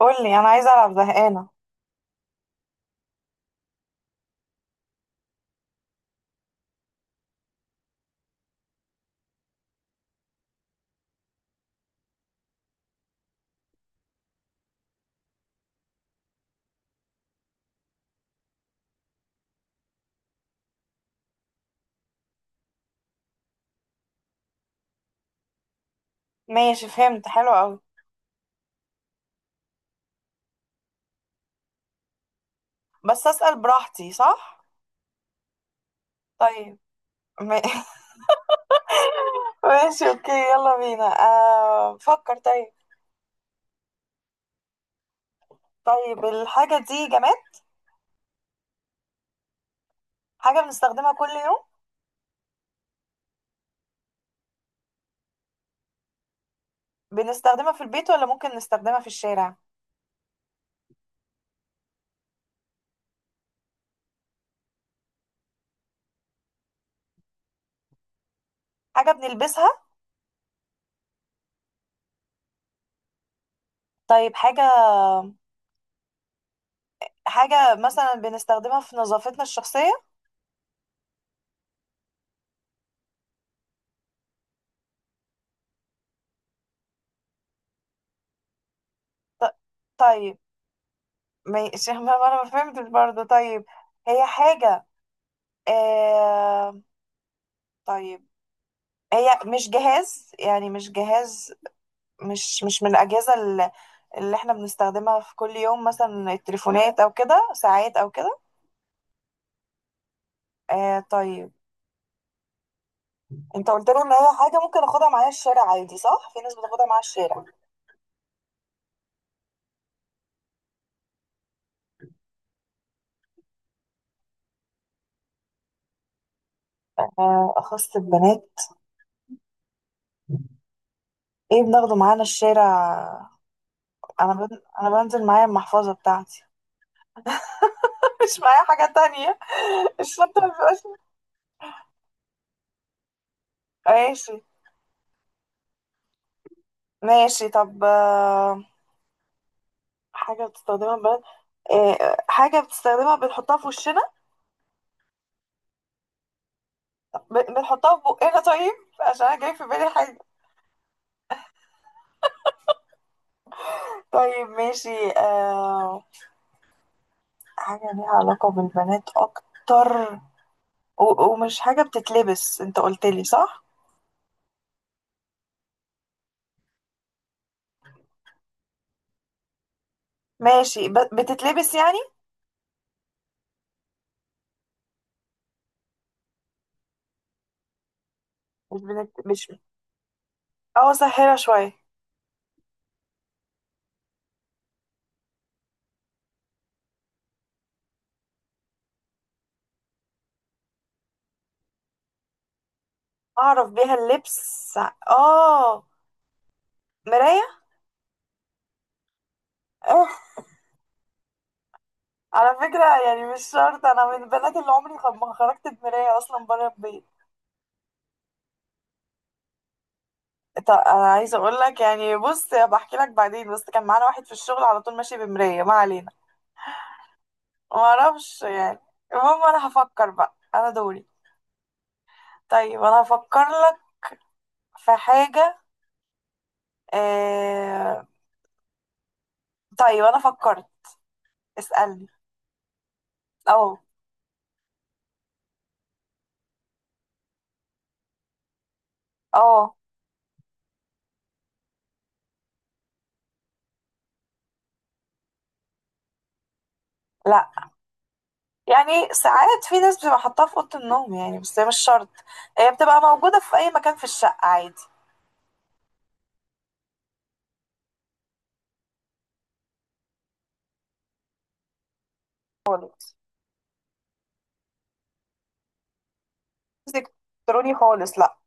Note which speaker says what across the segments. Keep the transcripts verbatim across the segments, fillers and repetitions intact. Speaker 1: قولي انا عايزه العب زهقانه. ماشي فهمت، حلو قوي. بس اسال براحتي صح؟ طيب ما- ماشي اوكي، يلا بينا، آه فكر. طيب طيب الحاجه دي جماد؟ حاجه بنستخدمها كل يوم؟ بنستخدمها في البيت ولا ممكن نستخدمها في الشارع؟ حاجه بنلبسها؟ طيب حاجه، حاجه مثلا بنستخدمها في نظافتنا الشخصيه؟ ط- طيب ماشي. ما ما انا ما فهمتش برضه. طيب هي حاجه، آه... طيب، هي مش جهاز، يعني مش جهاز. مش مش من الأجهزة ال- اللي احنا بنستخدمها في كل يوم، مثلا التليفونات او كده، ساعات او كده. آه طيب، انت قلت له ان هي حاجة ممكن اخدها معايا الشارع عادي صح؟ في ناس بتاخدها معايا الشارع. آه أخص البنات. ايه بناخده معانا الشارع؟ انا بن... انا بنزل معايا المحفظة بتاعتي. مش معايا حاجة تانية. الشنطة ما بيبقاش. ماشي ماشي، طب آه، حاجة بتستخدمها البنات؟ آه، حاجة بتستخدمها بنحطها في وشنا؟ ب- بنحطها في بقنا؟ طيب عشان انا جاي في بالي حاجة. طيب ماشي. آه حاجة ليها علاقة بالبنات اكتر؟ و- ومش حاجة بتتلبس انت قلت لي صح؟ ماشي. ب- بتتلبس يعني؟ مش بنت... مش اه سهلة شوية. اعرف بيها اللبس؟ اه. مراية. آه. على فكرة يعني مش شرط، انا من البنات اللي عمري خ- ما خرجت بمراية اصلا بره البيت. طب انا عايزه اقول لك، يعني بص، بحكي لك بعدين، بس كان معانا واحد في الشغل على طول ماشي بمرايه، ما علينا. معرفش يعني. المهم انا هفكر بقى، انا دوري. طيب انا هفكر لك في حاجة. آه... طيب انا فكرت، اسألني. اه. اه. لا، يعني ساعات في ناس بتبقى حاطاها في اوضة النوم يعني، بس هي مش شرط. هي بتبقى موجودة في اي مكان في الشقة عادي. خالص. مش الكتروني خالص لا.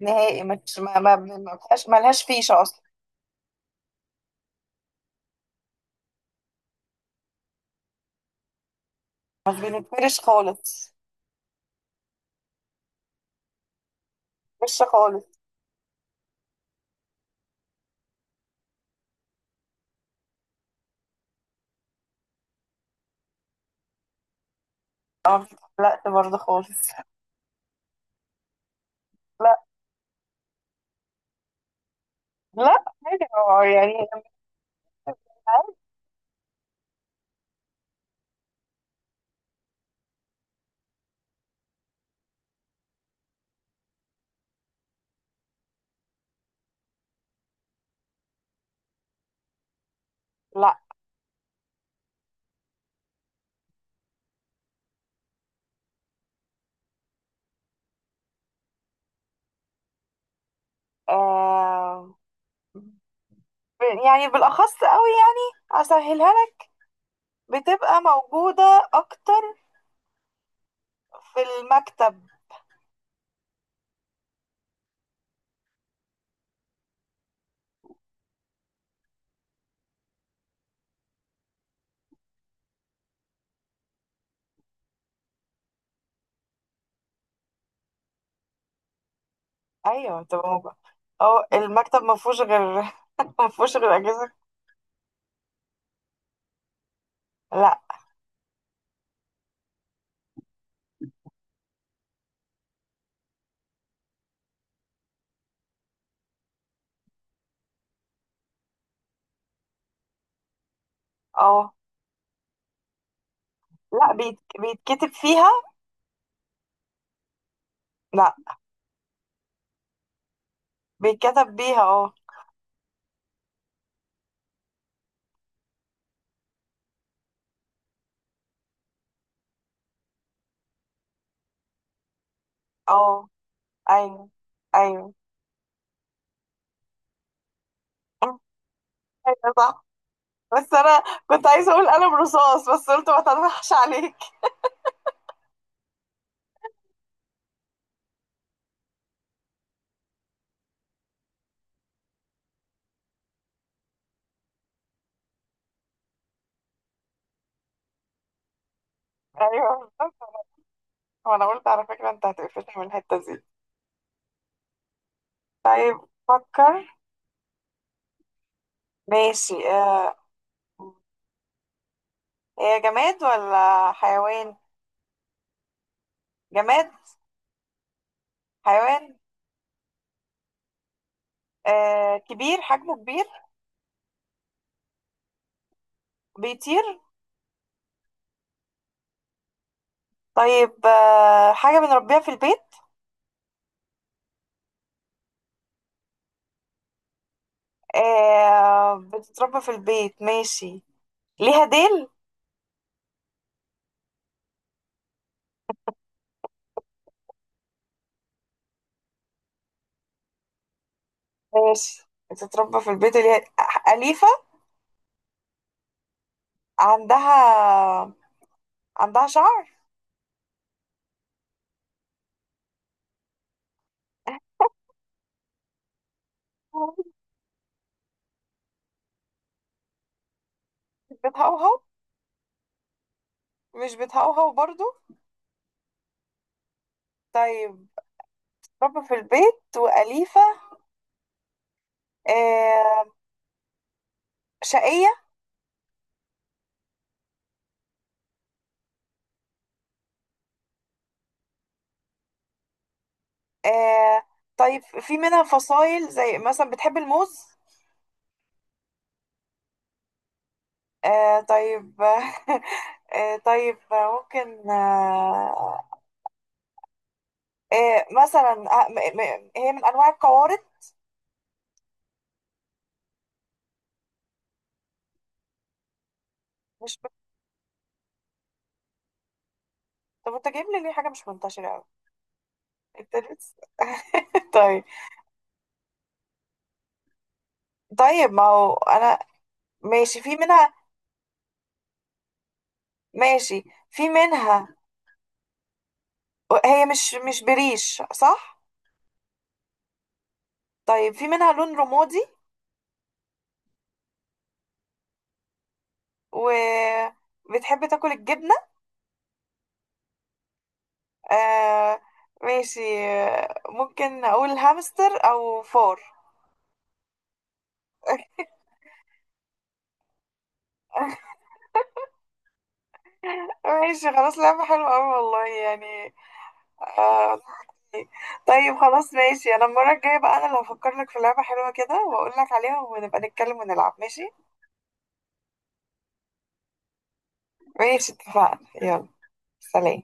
Speaker 1: نهائي، مش ما ما ما فيهاش، ملهاش فيشة اصلا. مش بنتفرش خالص. فيشة خالص. اه. لا برضه خالص. لا. لا حاجة يعني. لا. آه يعني بالأخص قوي، يعني أسهلها لك. بتبقى موجودة أكتر في المكتب. أيوة بتبقى موجودة. أو المكتب ما فيهوش غير، ما فيهوش غير أجهزة. لا. أه. لا بيت... بيتكتب فيها. لا، بيتكتب بيها، أه. أه. أيوة. أيوة. أيوة صح. بس أنا كنت عايزة أقول قلم رصاص، بس قلت ما تضحكش عليك. أيوه بالظبط. وأنا قلت على فكرة أنت هتقفلني من الحتة دي. طيب فكر. ماشي آه. هي جماد ولا حيوان؟ جماد؟ حيوان؟ آه. كبير، حجمه كبير؟ بيطير؟ طيب آه. حاجة بنربيها في البيت؟ آه. بتتربى في البيت ماشي. ليها ديل؟ ماشي، بتتربى في البيت وليها، أليفة؟ عندها، عندها شعر؟ مش بتهوهو؟ مش بتهوهو برضو؟ طيب بتتربى في البيت وأليفة. آه. شقية؟ آه طيب. في منها فصائل زي مثلا بتحب الموز؟ آه طيب آه طيب ممكن، آه، آه مثلا، آه م م هي من انواع القوارض؟ مش ب... طب انت جايب لي ليه حاجه مش منتشره قوي؟ انت لسه طيب. طيب ما هو انا ماشي، في منها، ماشي في منها، هي مش مش بريش صح؟ طيب في منها لون رمادي وبتحب تاكل الجبنه؟ آه ماشي. آه، ممكن اقول هامستر او فار؟ ماشي خلاص، لعبة حلوة أوي والله يعني. آه طيب خلاص ماشي، أنا المرة الجاية بقى أنا اللي هفكر لك في لعبة حلوة كده وأقول لك عليها، ونبقى نتكلم ونلعب ماشي. ماشي اتفقنا، يلا سلام.